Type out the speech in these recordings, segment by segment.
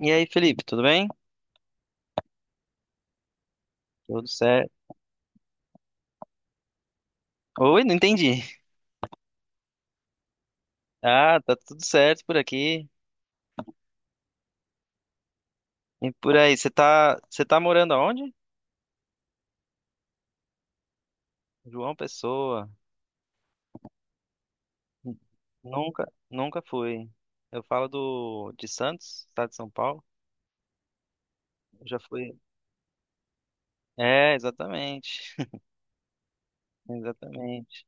E aí, Felipe, tudo bem? Tudo certo. Oi, não entendi. Ah, tá tudo certo por aqui. E por aí, você tá morando aonde? João Pessoa. Nunca fui. Eu falo do de Santos, estado de São Paulo. Eu já fui. É, exatamente. Exatamente.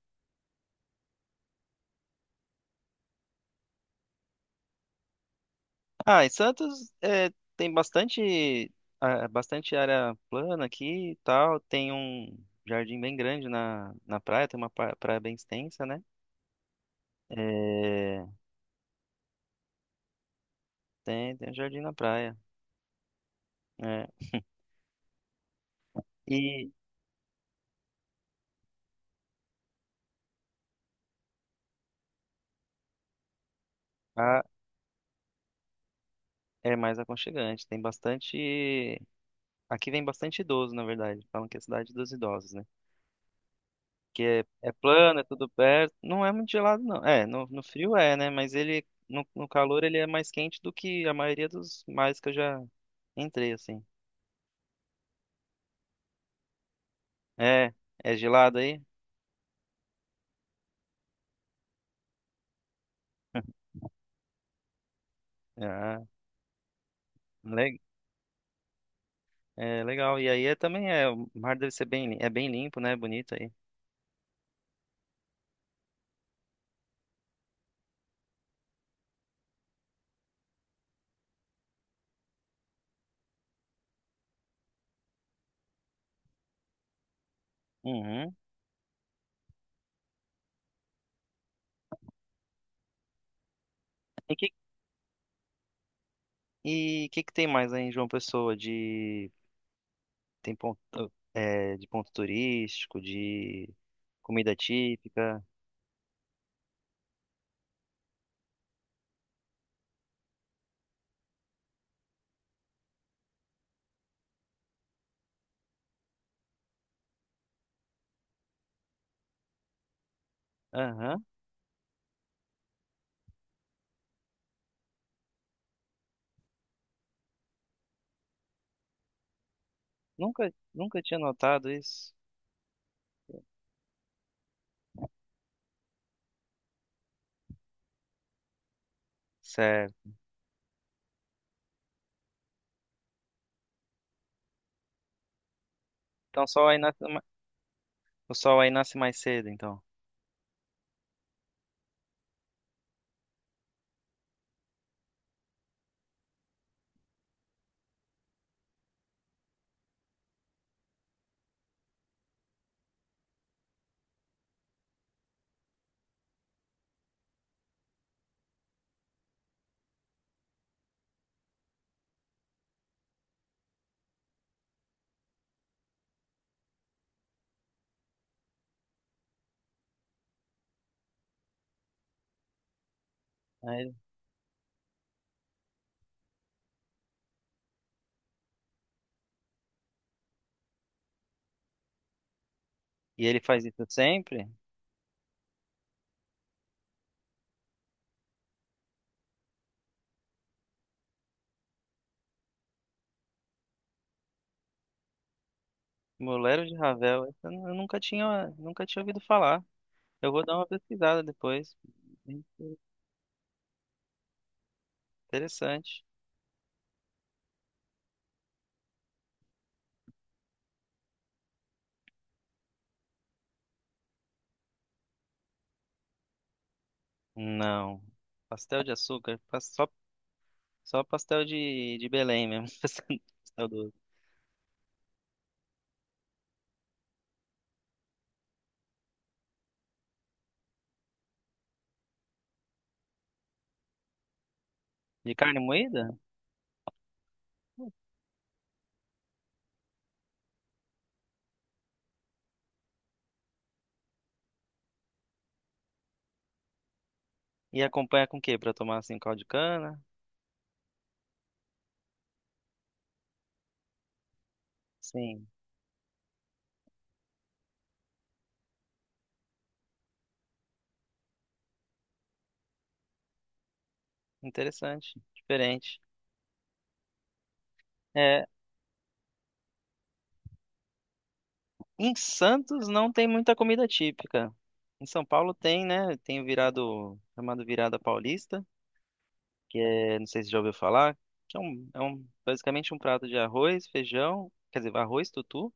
Ah, em Santos é, tem bastante, ah, bastante área plana aqui e tal. Tem um jardim bem grande na praia, tem uma praia bem extensa, né? É, tem um jardim na praia. É. E a, é mais aconchegante. Tem bastante. Aqui vem bastante idoso, na verdade. Falam que é a cidade dos idosos, né? Que é, é plano, é tudo perto. Não é muito gelado, não. É, no frio é, né? Mas ele, no calor, ele é mais quente do que a maioria dos mares que eu já entrei, assim. É, é gelado aí? Ah, le- é legal. E aí é, também é. O mar deve ser bem, é bem limpo, né? Bonito aí. Uhum. E o que que tem mais aí em João Pessoa de tem ponto é, de ponto turístico, de comida típica? Aham. Nunca tinha notado isso. Sério. Então o sol aí nasce, o sol aí nasce mais cedo, então. Aí- e ele faz isso sempre? Bolero de Ravel, essa eu nunca tinha ouvido falar. Eu vou dar uma pesquisada depois. Interessante. Não. Pastel de açúcar, só só pastel de Belém mesmo. Pastel do- de carne moída? E acompanha com o quê? Pra tomar assim, caldo de cana? Sim, interessante, diferente. É, em Santos não tem muita comida típica. Em São Paulo tem, né? Tem o virado, chamado virada paulista, que é, não sei se já ouviu falar, que é um, basicamente um prato de arroz, feijão, quer dizer, arroz, tutu,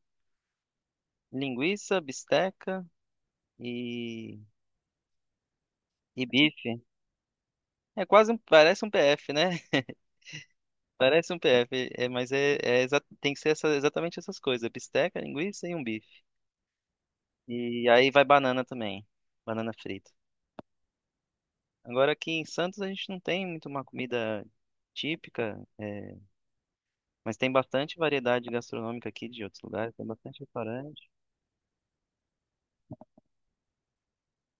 linguiça, bisteca e, e bife. É quase um, parece um PF, né? Parece um PF, é, mas é, tem que ser exatamente essas coisas: bisteca, linguiça e um bife. E aí vai banana também, banana frita. Agora aqui em Santos a gente não tem muito uma comida típica, é, mas tem bastante variedade gastronômica aqui de outros lugares, tem bastante restaurante.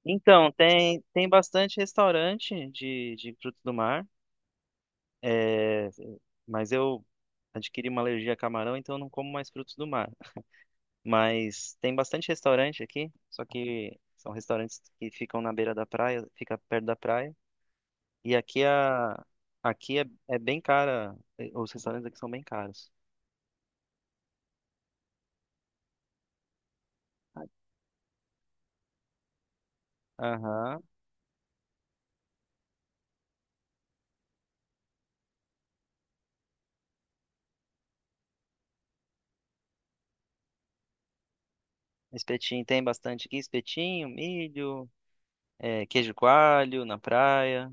Então, tem bastante restaurante de frutos do mar, é, mas eu adquiri uma alergia a camarão, então eu não como mais frutos do mar. Mas tem bastante restaurante aqui, só que são restaurantes que ficam na beira da praia, fica perto da praia. E aqui a aqui é, é bem cara, eh, os restaurantes aqui são bem caros. Aham. Espetinho tem bastante aqui, espetinho, milho, é, queijo coalho na praia.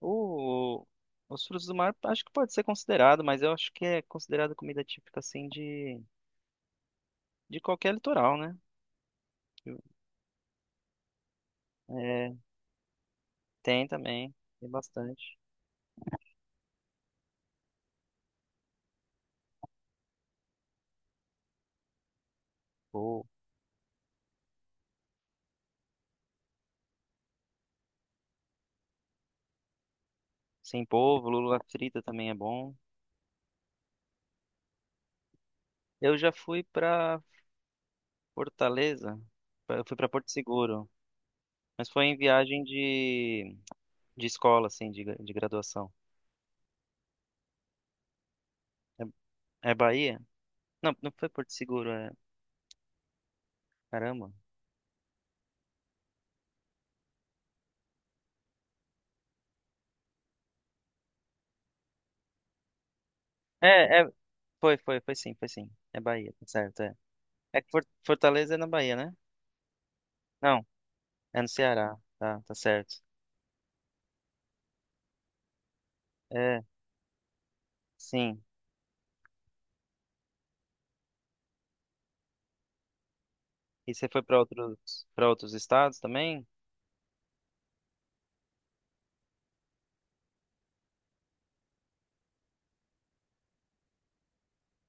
O, os frutos do mar acho que pode ser considerado, mas eu acho que é considerado comida típica assim de qualquer litoral, né? É, tem também, tem bastante. Boa. Sem polvo, lula frita também é bom. Eu já fui pra Fortaleza, eu fui pra Porto Seguro, mas foi em viagem de escola, assim, de, de graduação. É, é Bahia? Não, não foi Porto Seguro, é. Caramba. É, é, foi sim. É Bahia, tá certo, é. É que Fortaleza é na Bahia, né? Não, é no Ceará, tá, tá certo. É, sim. E você foi pra outros, para outros estados também?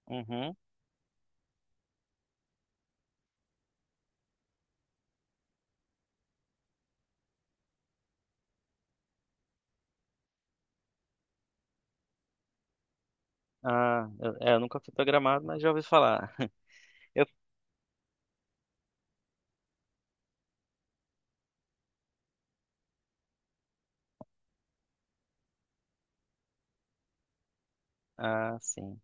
Uhum. Ah, eu, é, eu nunca fui pra Gramado, mas já ouvi falar. Ah, sim.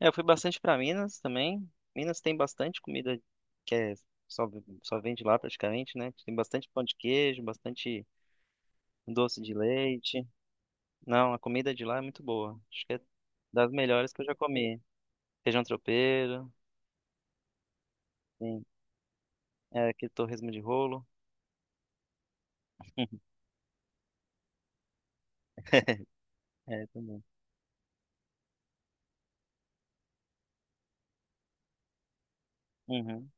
É, eu fui bastante para Minas também. Minas tem bastante comida que é só, só vende lá praticamente, né? Tem bastante pão de queijo, bastante doce de leite. Não, a comida de lá é muito boa. Acho que é das melhores que eu já comi. Feijão tropeiro, sim. É, aquele torresmo de rolo. É, também. Uhum.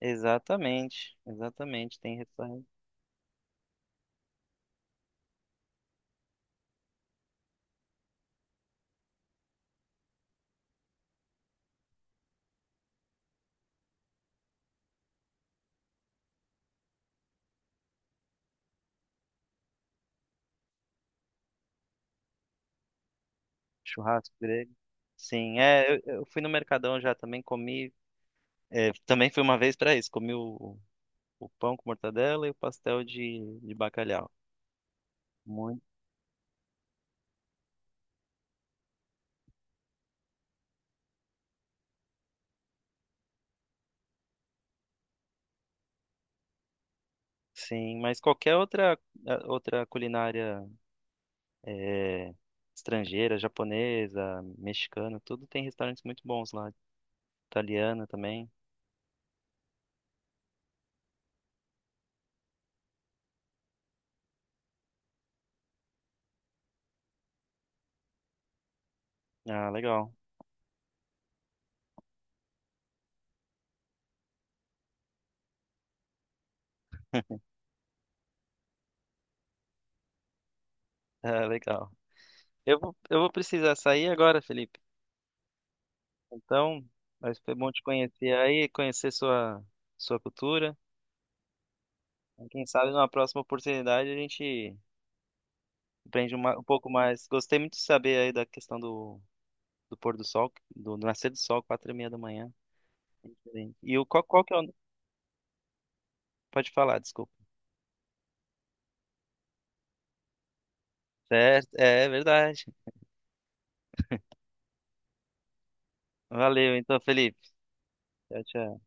Exatamente, exatamente. Tem restaurante, churrasco grego. Sim, é, eu fui no Mercadão já também, comi. É, também fui uma vez para isso, comi o pão com mortadela e o pastel de bacalhau. Muito, sim, mas qualquer outra, eh, outra culinária eh, estrangeira, japonesa, mexicana, tudo tem restaurantes muito bons lá. Italiana também. Ah, legal. Ah, legal. Eu vou precisar sair agora, Felipe. Então, mas foi bom te conhecer aí, conhecer sua, sua cultura. E quem sabe numa próxima oportunidade a gente aprende um pouco mais. Gostei muito de saber aí da questão do do pôr do sol, do do nascer do sol, 4:30 da manhã. É diferente. E o qual, qual que é o... Pode falar, desculpa. Certo, é verdade. Valeu, então, Felipe. Tchau, tchau.